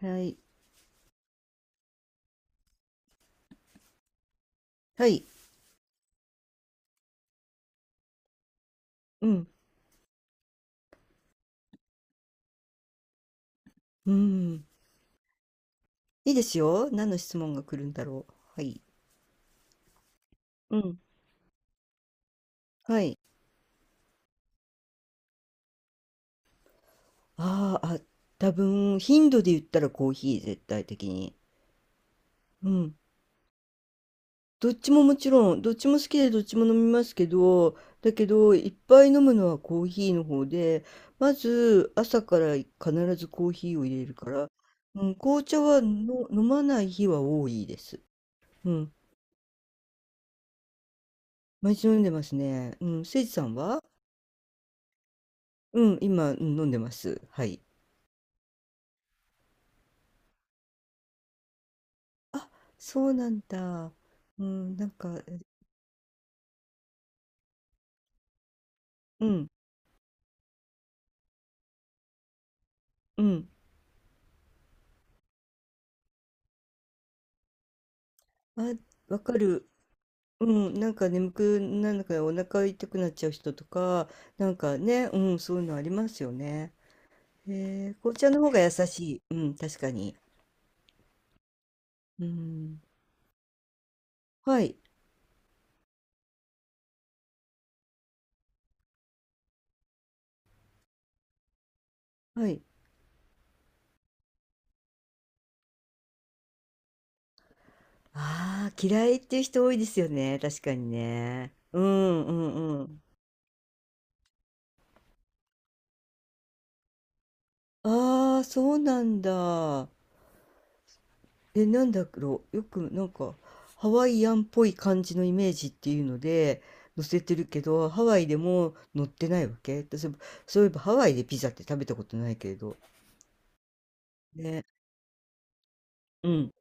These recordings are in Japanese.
はい。はい。うん。うん。いいですよ。何の質問が来るんだろう。はい。うん。はい。ああ、あ、多分、頻度で言ったらコーヒー、絶対的に。うん。どっちももちろん、どっちも好きでどっちも飲みますけど、だけど、いっぱい飲むのはコーヒーの方で、まず、朝から必ずコーヒーを入れるから、うん、紅茶はの飲まない日は多いです。うん。毎日飲んでますね。うん。せいじさんは、うん、今、うん飲んでます。はい。あ、そうなんだ。うん、なんか、うん、うん。あ、わかる。うん、なんか眠くなるからお腹痛くなっちゃう人とか、なんかね、うん、そういうのありますよね。えー、紅茶の方が優しい。うん、確かに。うん。はい、はい。ああ、嫌いっていう人多いですよね。確かにね。ん、うん。ああ、そうなんだ。え、なんだろう、よくなんかハワイアンっぽい感じのイメージっていうので載せてるけど、ハワイでも載ってないわけ私、そういえばハワイでピザって食べたことないけれど。ね、うん。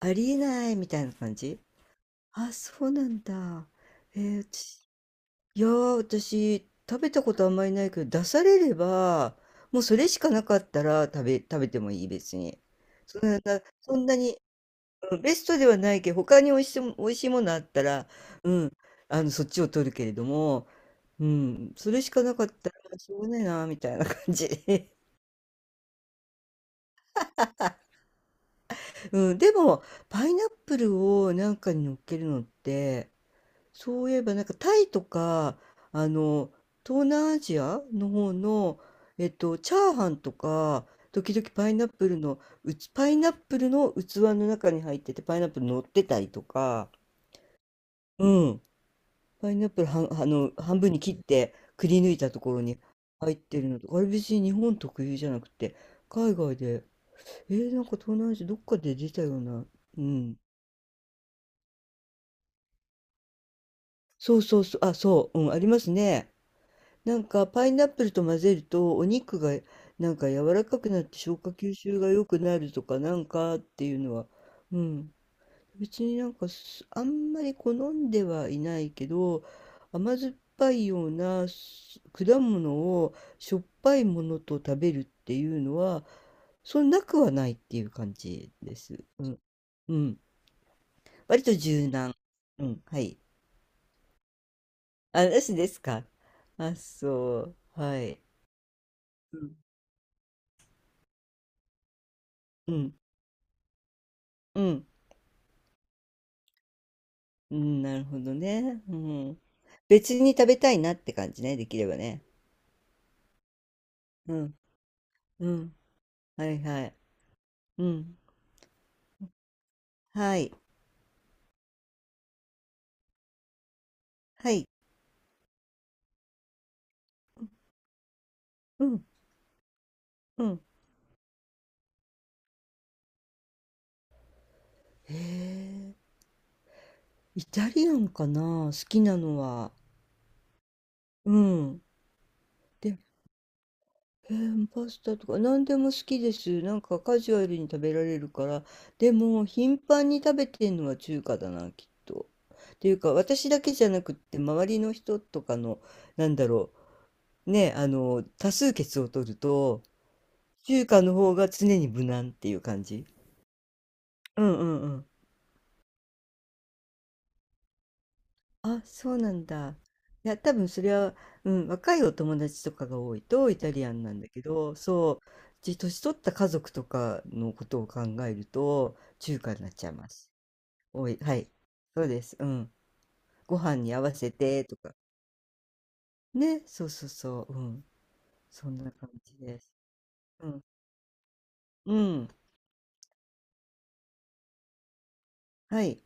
ありえないみたいな感じ。あ、そうなんだ。えー、私いやー、私、食べたことあんまりないけど、出されれば、もうそれしかなかったら食べてもいい、別に。そんな、そんなに、うんベストではないけど、他に美味しいものあったら、うん、あの、そっちを取るけれども、うん、それしかなかったら、しょうがないな、みたいな感じで。うん、でも、パイナップルをなんかに乗っけるのって、そういえば、なんかタイとか、あの、東南アジアの方の、チャーハンとか、時々パイナップルの器の中に入ってて、パイナップル乗ってたりとか、うん。パイナップルはん、あの、半分に切ってくり抜いたところに入ってるのとか、あれ別に日本特有じゃなくて、海外で、えー、なんか東南アジアどっかで出たような、うん。ありますね。なんかパイナップルと混ぜるとお肉がなんか柔らかくなって消化吸収が良くなるとかなんかっていうのは、うん、別になんかあんまり好んではいないけど甘酸っぱいような果物をしょっぱいものと食べるっていうのはそんなくはないっていう感じです。うん。うん。割と柔軟。うん。はい。あ、なしですか。あ、そう。はい。うん。うん。うん。なるほどね。うん。別に食べたいなって感じね。できればね。うん。うん。はいはい。うん。はい。はい。うん、うん。へえ、イタリアンかな、好きなのは。うん。で、えーパスタとか何でも好きです。なんかカジュアルに食べられるから。でも、頻繁に食べてんのは中華だな、きっと。っていうか、私だけじゃなくって、周りの人とかの、なんだろね、あの、多数決を取ると、中華の方が常に無難っていう感じ。うんうんうん。あ、そうなんだ。いや、多分それは、うん、若いお友達とかが多いとイタリアンなんだけど、そう、年取った家族とかのことを考えると、中華になっちゃいます。おい、はい。そうです。うん。ご飯に合わせてとか。ね、そうそうそう。うん。そんな感じです。うん。うん。はい。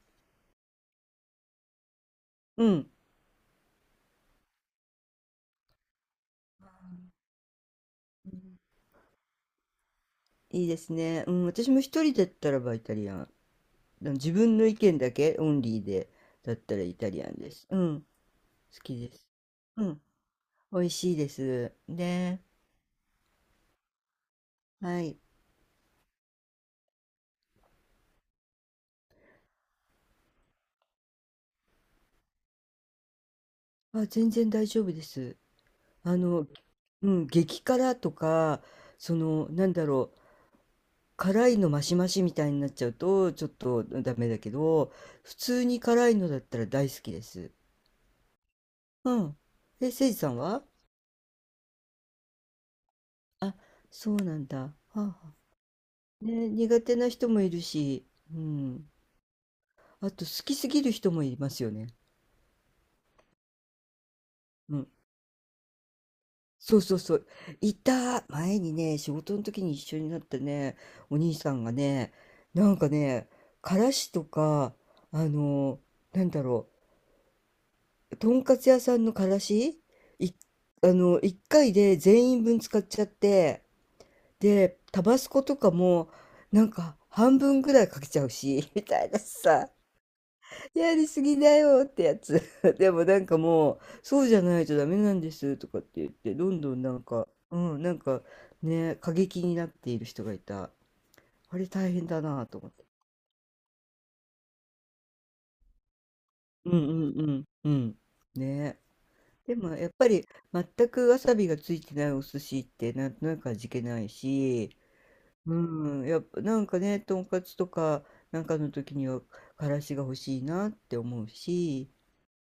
うん。うん、いいですね。うん。私も一人だったらばイタリアン。でも自分の意見だけオンリーでだったらイタリアンです。うん。好きです。うん、美味しいです。ね、はい。あ、全然大丈夫です。あの、うん、激辛とか、その、なんだろう、辛いのマシマシみたいになっちゃうと、ちょっとダメだけど、普通に辛いのだったら大好きです。うん。え、せいじさんは、あ、そうなんだ。はあはあ、ね、苦手な人もいるし、うん。あと、好きすぎる人もいますよね。うん、そうそうそう。いた。前にね、仕事の時に一緒になったね、お兄さんがね、なんかね、からしとか、あの、なんだろとんかつ屋さんのからし、い、あの、一回で全員分使っちゃって、で、タバスコとかも、なんか半分ぐらいかけちゃうし、みたいなさ。やりすぎだよってやつ。でもなんかもう、そうじゃないとダメなんですとかって言って、どんどんなんか、うん、なんかね、過激になっている人がいた。あれ大変だなと思って。うんうんうんうん。ね。でもやっぱり全くわさびがついてないお寿司ってなんとなく味気ないし、うん、やっぱなんかね、とんかつとかなんかの時にはからしが欲しいなって思うし、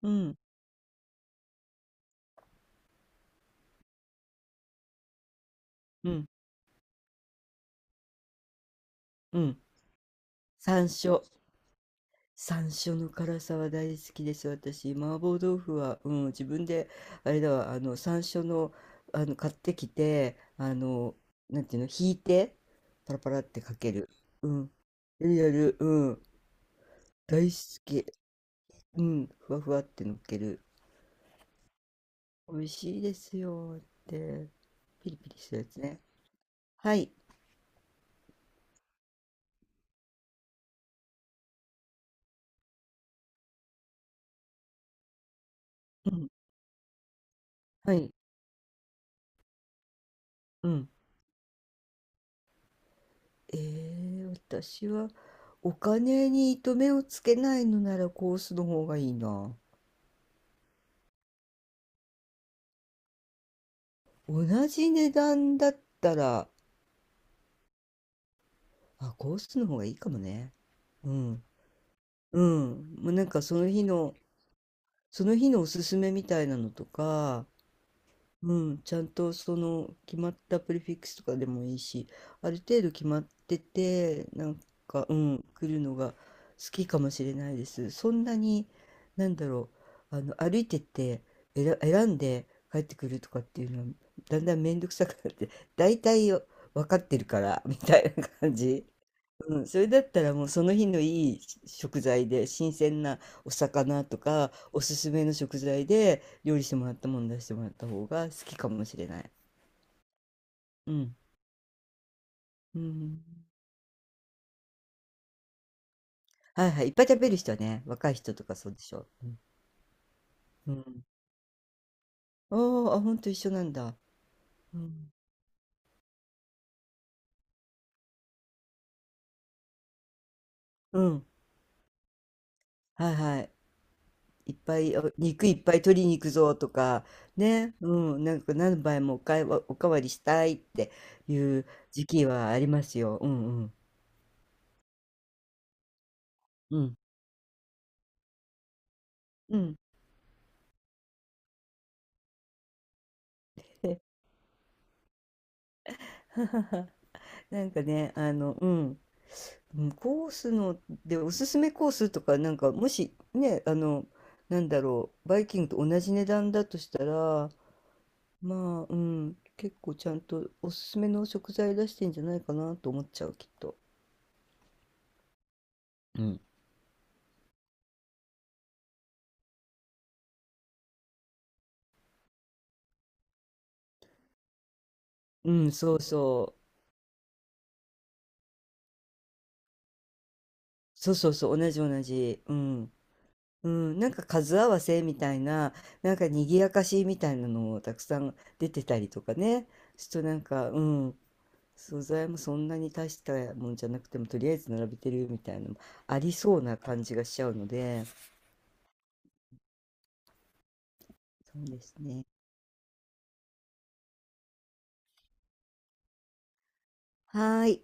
うんうんうん。山椒。山椒の辛さは大好きです。私、麻婆豆腐は、うん、自分で、あれだわ、あの、山椒の、あの、買ってきて、あの、なんていうの、ひいて、パラパラってかける。うん。やるやる、うん。大好き。うん。ふわふわってのっける。美味しいですよって。ピリピリするやつね。はい。うん。はい。うん。えー、私は、お金に糸目をつけないのならコースの方がいいな。同じ値段だったら、あ、コースの方がいいかもね。うん。うん。もうなんかその日の、その日のおすすめみたいなのとか、うん、ちゃんとその決まったプレフィックスとかでもいいし、ある程度決まってて、なんか、うん、来るのが好きかもしれないです。そんなに、なんだろう、あの、歩いてって選んで帰ってくるとかっていうのは、だんだん面倒くさくなって、大体分かってるから、みたいな感じ。うん、それだったらもうその日のいい食材で新鮮なお魚とかおすすめの食材で料理してもらったもの出してもらった方が好きかもしれない。うん。うん。はいはい。いっぱい食べる人はね、若い人とかそうでしょ。うん。うん、あーあ、ほんと一緒なんだ。うん。うん。はいはい。いっぱい、お肉いっぱい取りに行くぞとか、ね。うん。なんか何杯もおかわりしたいっていう時期はありますよ。うんうん。うん。うん。なんかね、あの、うん、うんコースのでおすすめコースとか、なんかもしね、あの、なんだろう、バイキングと同じ値段だとしたら、まあ、うん、結構ちゃんとおすすめの食材出してんじゃないかなと思っちゃう、きっと。うん。うん、そうそう。そうそうそう、同じ同じ。うん。うん、なんか数合わせみたいな、なんか賑やかしみたいなのもたくさん出てたりとかね。ちょっとなんか、うん。素材もそんなに大したもんじゃなくてもとりあえず並べてるみたいなのもありそうな感じがしちゃうので、そうですね。はーい。